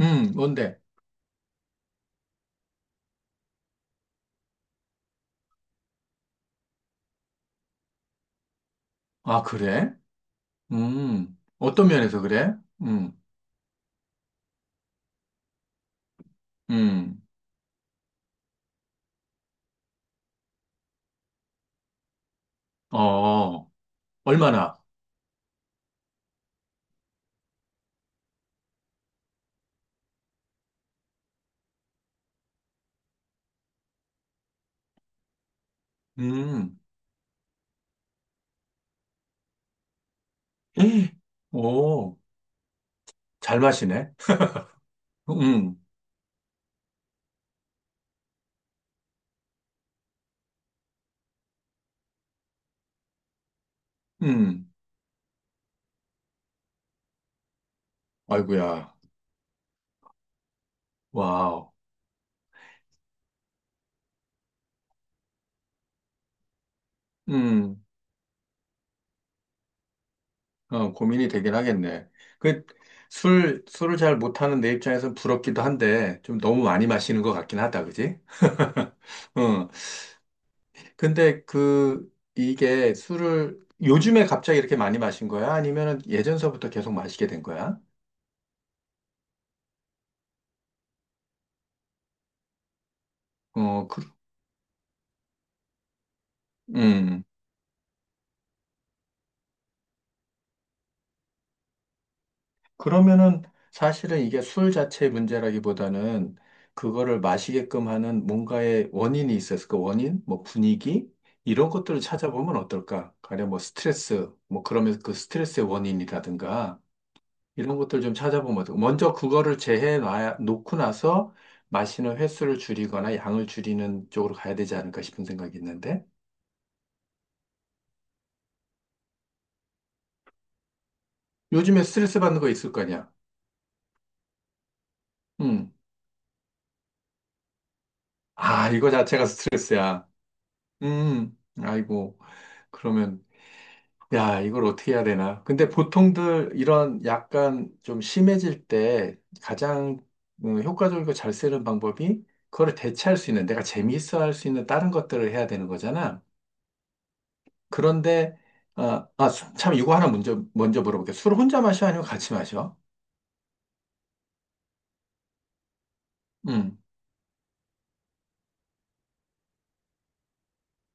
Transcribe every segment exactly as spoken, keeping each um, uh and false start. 음, 뭔데? 아, 그래? 음, 어떤 면에서 그래? 음, 음, 어, 얼마나? 음, 에이, 오, 잘 마시네? 음, 음, 아이고야, 와우, 음, 어, 고민이 되긴 하겠네. 그, 술, 술을 잘 못하는 내 입장에선 부럽기도 한데, 좀 너무 많이 마시는 것 같긴 하다, 그지? 어, 근데 그, 이게 술을 요즘에 갑자기 이렇게 많이 마신 거야? 아니면은 예전서부터 계속 마시게 된 거야? 어, 그, 음. 그러면은 사실은 이게 술 자체의 문제라기보다는 그거를 마시게끔 하는 뭔가의 원인이 있었을 까 원인? 뭐 분위기? 이런 것들을 찾아보면 어떨까? 가령 뭐 스트레스, 뭐 그러면서 그 스트레스의 원인이라든가 이런 것들 좀 찾아보면 어떡해. 먼저 그거를 재해 놔 놓고 나서 마시는 횟수를 줄이거나 양을 줄이는 쪽으로 가야 되지 않을까 싶은 생각이 있는데 요즘에 스트레스 받는 거 있을 거냐? 음. 아, 이거 자체가 스트레스야. 음. 아이고. 그러면 야, 이걸 어떻게 해야 되나? 근데 보통들 이런 약간 좀 심해질 때 가장 음, 효과적이고 잘 쓰는 방법이 그거를 대체할 수 있는 내가 재미있어 할 수 있는 다른 것들을 해야 되는 거잖아. 그런데, 아, 아, 수- 참, 이거 하나 먼저, 먼저 물어볼게. 요술 혼자 마셔? 아니면 같이 마셔? 음,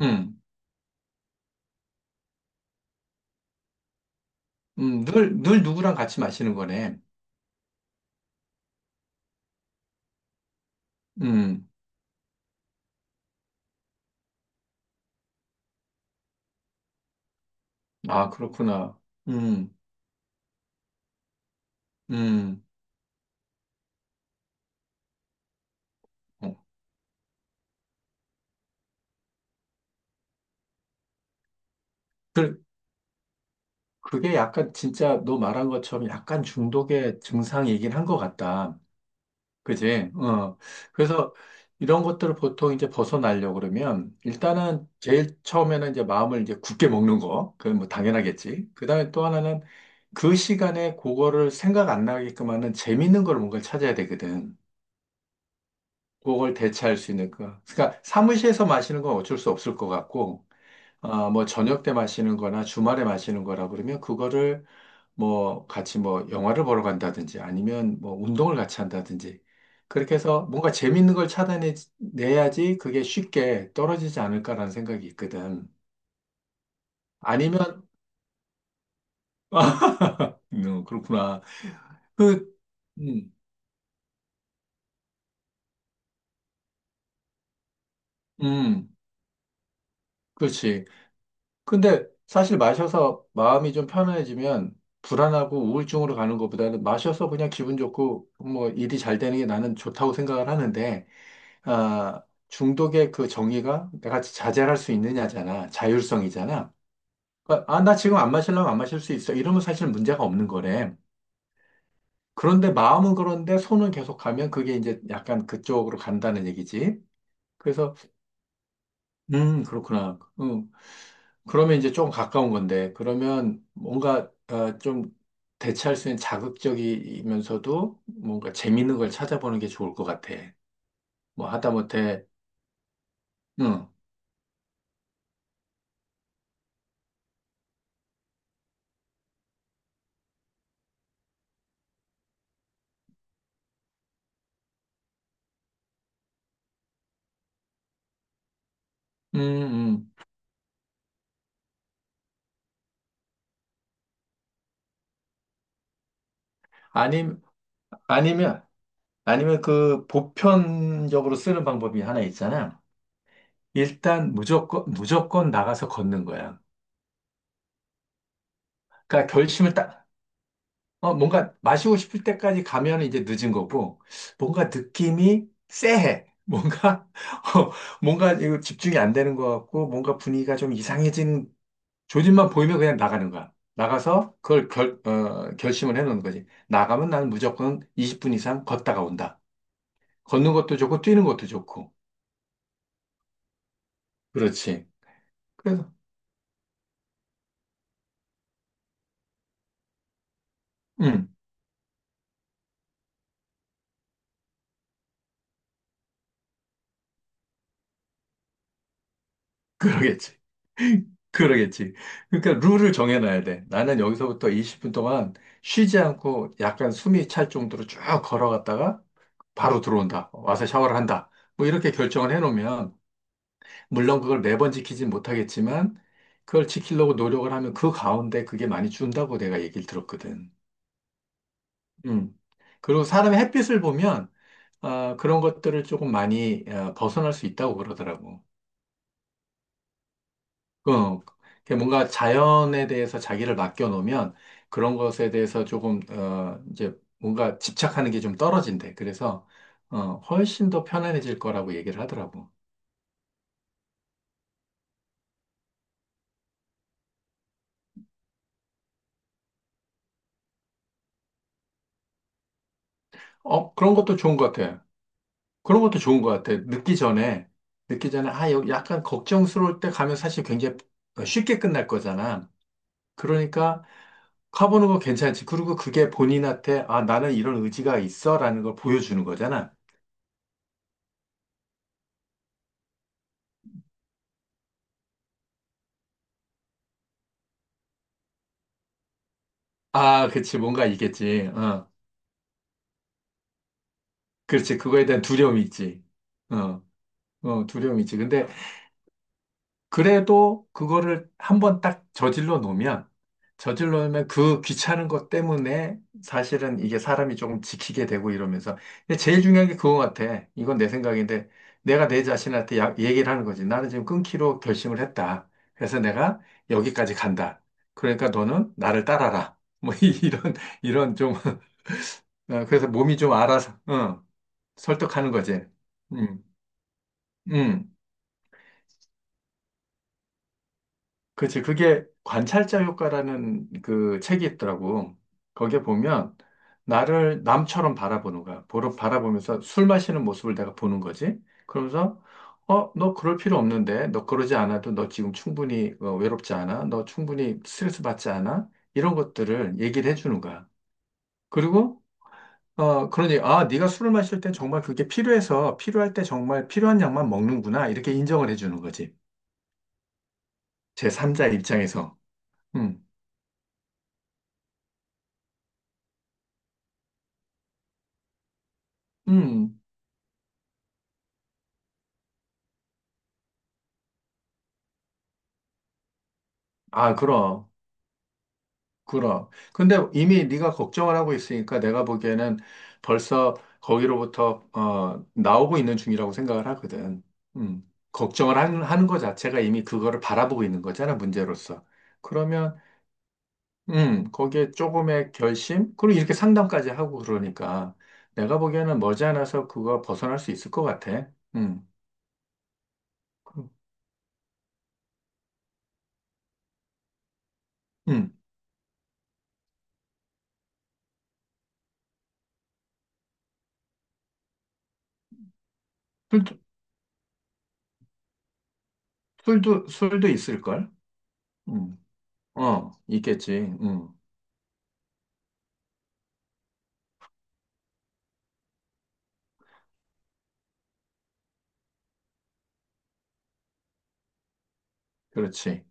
음, 음, 늘, 늘 누구랑 같이 마시는 거네. 음, 아, 그렇구나. 음, 음. 어. 그, 그게 약간 진짜 너 말한 것처럼 약간 중독의 증상이긴 한 것 같다. 그지? 어. 그래서 이런 것들을 보통 이제 벗어나려고 그러면 일단은 제일 처음에는 이제 마음을 이제 굳게 먹는 거. 그건 뭐 당연하겠지. 그 다음에 또 하나는 그 시간에 그거를 생각 안 나게끔 하는 재밌는 걸 뭔가를 찾아야 되거든. 그걸 대체할 수 있는 거. 그러니까 사무실에서 마시는 건 어쩔 수 없을 것 같고 아, 뭐 저녁 때 마시는 거나 주말에 마시는 거라 그러면 그거를 뭐 같이 뭐 영화를 보러 간다든지 아니면 뭐 운동을 같이 한다든지 그렇게 해서 뭔가 재밌는 걸 차단해 내야지 그게 쉽게 떨어지지 않을까라는 생각이 있거든. 아니면 아, 음, 그렇구나. 그 음, 음, 그렇지. 근데 사실 마셔서 마음이 좀 편해지면 불안하고 우울증으로 가는 것보다는 마셔서 그냥 기분 좋고 뭐 일이 잘 되는 게 나는 좋다고 생각을 하는데 아, 중독의 그 정의가 내가 자제할 수 있느냐잖아. 자율성이잖아. 그러니까, 아, 나 지금 안 마실라면 안 마실 수 있어. 이러면 사실 문제가 없는 거래. 그런데 마음은 그런데 손은 계속 가면 그게 이제 약간 그쪽으로 간다는 얘기지. 그래서, 음, 그렇구나. 음, 그러면 이제 조금 가까운 건데, 그러면 뭔가 어, 좀 대체할 수 있는 자극적이면서도 뭔가 재밌는 걸 찾아보는 게 좋을 것 같아. 뭐 하다못해, 음, 음, 음. 아님, 아니면, 아니면 그 보편적으로 쓰는 방법이 하나 있잖아. 일단 무조건, 무조건 나가서 걷는 거야. 그러니까 결심을 딱, 어, 뭔가 마시고 싶을 때까지 가면 이제 늦은 거고, 뭔가 느낌이 쎄해. 뭔가, 어, 뭔가 이거 집중이 안 되는 것 같고, 뭔가 분위기가 좀 이상해진 조짐만 보이면 그냥 나가는 거야. 나가서 그걸 결, 어, 결심을 해놓는 거지. 나가면 나는 무조건 이십 분 이상 걷다가 온다. 걷는 것도 좋고, 뛰는 것도 좋고. 그렇지. 그래서. 음. 그러겠지. 그러겠지. 그러니까 룰을 정해놔야 돼. 나는 여기서부터 이십 분 동안 쉬지 않고 약간 숨이 찰 정도로 쭉 걸어갔다가 바로 들어온다. 와서 샤워를 한다. 뭐 이렇게 결정을 해놓으면, 물론 그걸 매번 지키진 못하겠지만, 그걸 지키려고 노력을 하면 그 가운데 그게 많이 준다고 내가 얘기를 들었거든. 음. 그리고 사람의 햇빛을 보면, 아, 그런 것들을 조금 많이 어, 벗어날 수 있다고 그러더라고. 어, 그게 뭔가 자연에 대해서 자기를 맡겨놓으면 그런 것에 대해서 조금, 어, 이제 뭔가 집착하는 게 좀 떨어진대. 그래서, 어, 훨씬 더 편안해질 거라고 얘기를 하더라고. 어, 그런 것도 좋은 것 같아. 그런 것도 좋은 것 같아. 늦기 전에, 늦기 전에, 아, 여기 약간 걱정스러울 때 가면 사실 굉장히 쉽게 끝날 거잖아. 그러니까 가보는 거 괜찮지. 그리고 그게 본인한테, 아, 나는 이런 의지가 있어. 라는 걸 보여주는 거잖아. 아, 그치. 뭔가 있겠지. 어. 그렇지. 그거에 대한 두려움이 있지. 어, 어, 두려움이 있지. 근데 그래도 그거를 한번 딱 저질러 놓으면, 저질러 놓으면 그 귀찮은 것 때문에 사실은 이게 사람이 조금 지키게 되고 이러면서. 근데 제일 중요한 게 그거 같아. 이건 내 생각인데, 내가 내 자신한테 야- 얘기를 하는 거지. 나는 지금 끊기로 결심을 했다. 그래서 내가 여기까지 간다. 그러니까 너는 나를 따라라. 뭐 이런, 이런 좀, 어, 그래서 몸이 좀 알아서, 어, 설득하는 거지. 음. 음, 그치. 그게 관찰자 효과라는 그 책이 있더라고. 거기에 보면 나를 남처럼 바라보는 거야. 보러, 바라보면서 술 마시는 모습을 내가 보는 거지. 그러면서, 어, 너 그럴 필요 없는데. 너 그러지 않아도 너 지금 충분히 어, 외롭지 않아? 너 충분히 스트레스 받지 않아? 이런 것들을 얘기를 해주는 거야. 그리고, 어, 그러니, 아, 네가 술을 마실 때 정말 그게 필요해서 필요할 때 정말 필요한 양만 먹는구나. 이렇게 인정을 해주는 거지. 제삼자 입장에서. 음. 음, 아, 그럼, 그럼. 근데 이미 네가 걱정을 하고 있으니까 내가 보기에는 벌써 거기로부터 어, 나오고 있는 중이라고 생각을 하거든. 음, 걱정을 하는, 하는 것 자체가 이미 그거를 바라보고 있는 거잖아, 문제로서. 그러면, 음, 거기에 조금의 결심? 그리고 이렇게 상담까지 하고 그러니까 내가 보기에는 머지않아서 그거 벗어날 수 있을 것 같아. 음, 그- 음, 술도, 술도, 술도 있을걸? 음, 어, 있겠지. 음. 그렇지.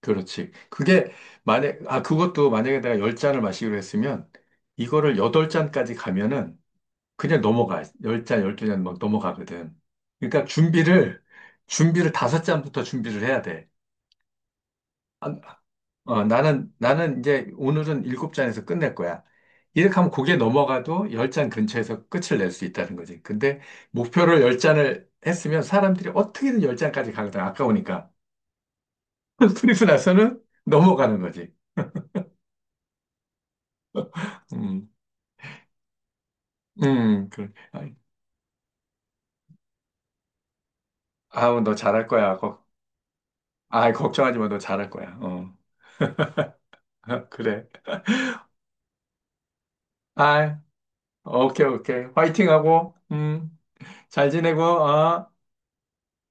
그렇지. 그게 만약 아 그것도 만약에 내가 열 잔을 마시기로 했으면 이거를 여덟 잔까지 가면은 그냥 넘어가. 열 잔 열두 잔 막 넘어가거든. 그러니까 준비를 준비를 다섯 잔부터 준비를 해야 돼. 아, 어, 나는 나는 이제 오늘은 일곱 잔에서 끝낼 거야. 이렇게 하면 고개 넘어가도 열 잔 근처에서 끝을 낼 수 있다는 거지. 근데 목표를 열 잔을 했으면 사람들이 어떻게든 열 잔까지 가거든. 아까우니까. 그리고 나서는 넘어가는 거지. 음. 음, 그래. 아이, 아우, 너 잘할 거야. 걱, 아, 걱정하지 마. 너 잘할 거야. 어. 그래. 아, 오케이, 오케이. 화이팅 하고, 음, 잘 지내고, 어.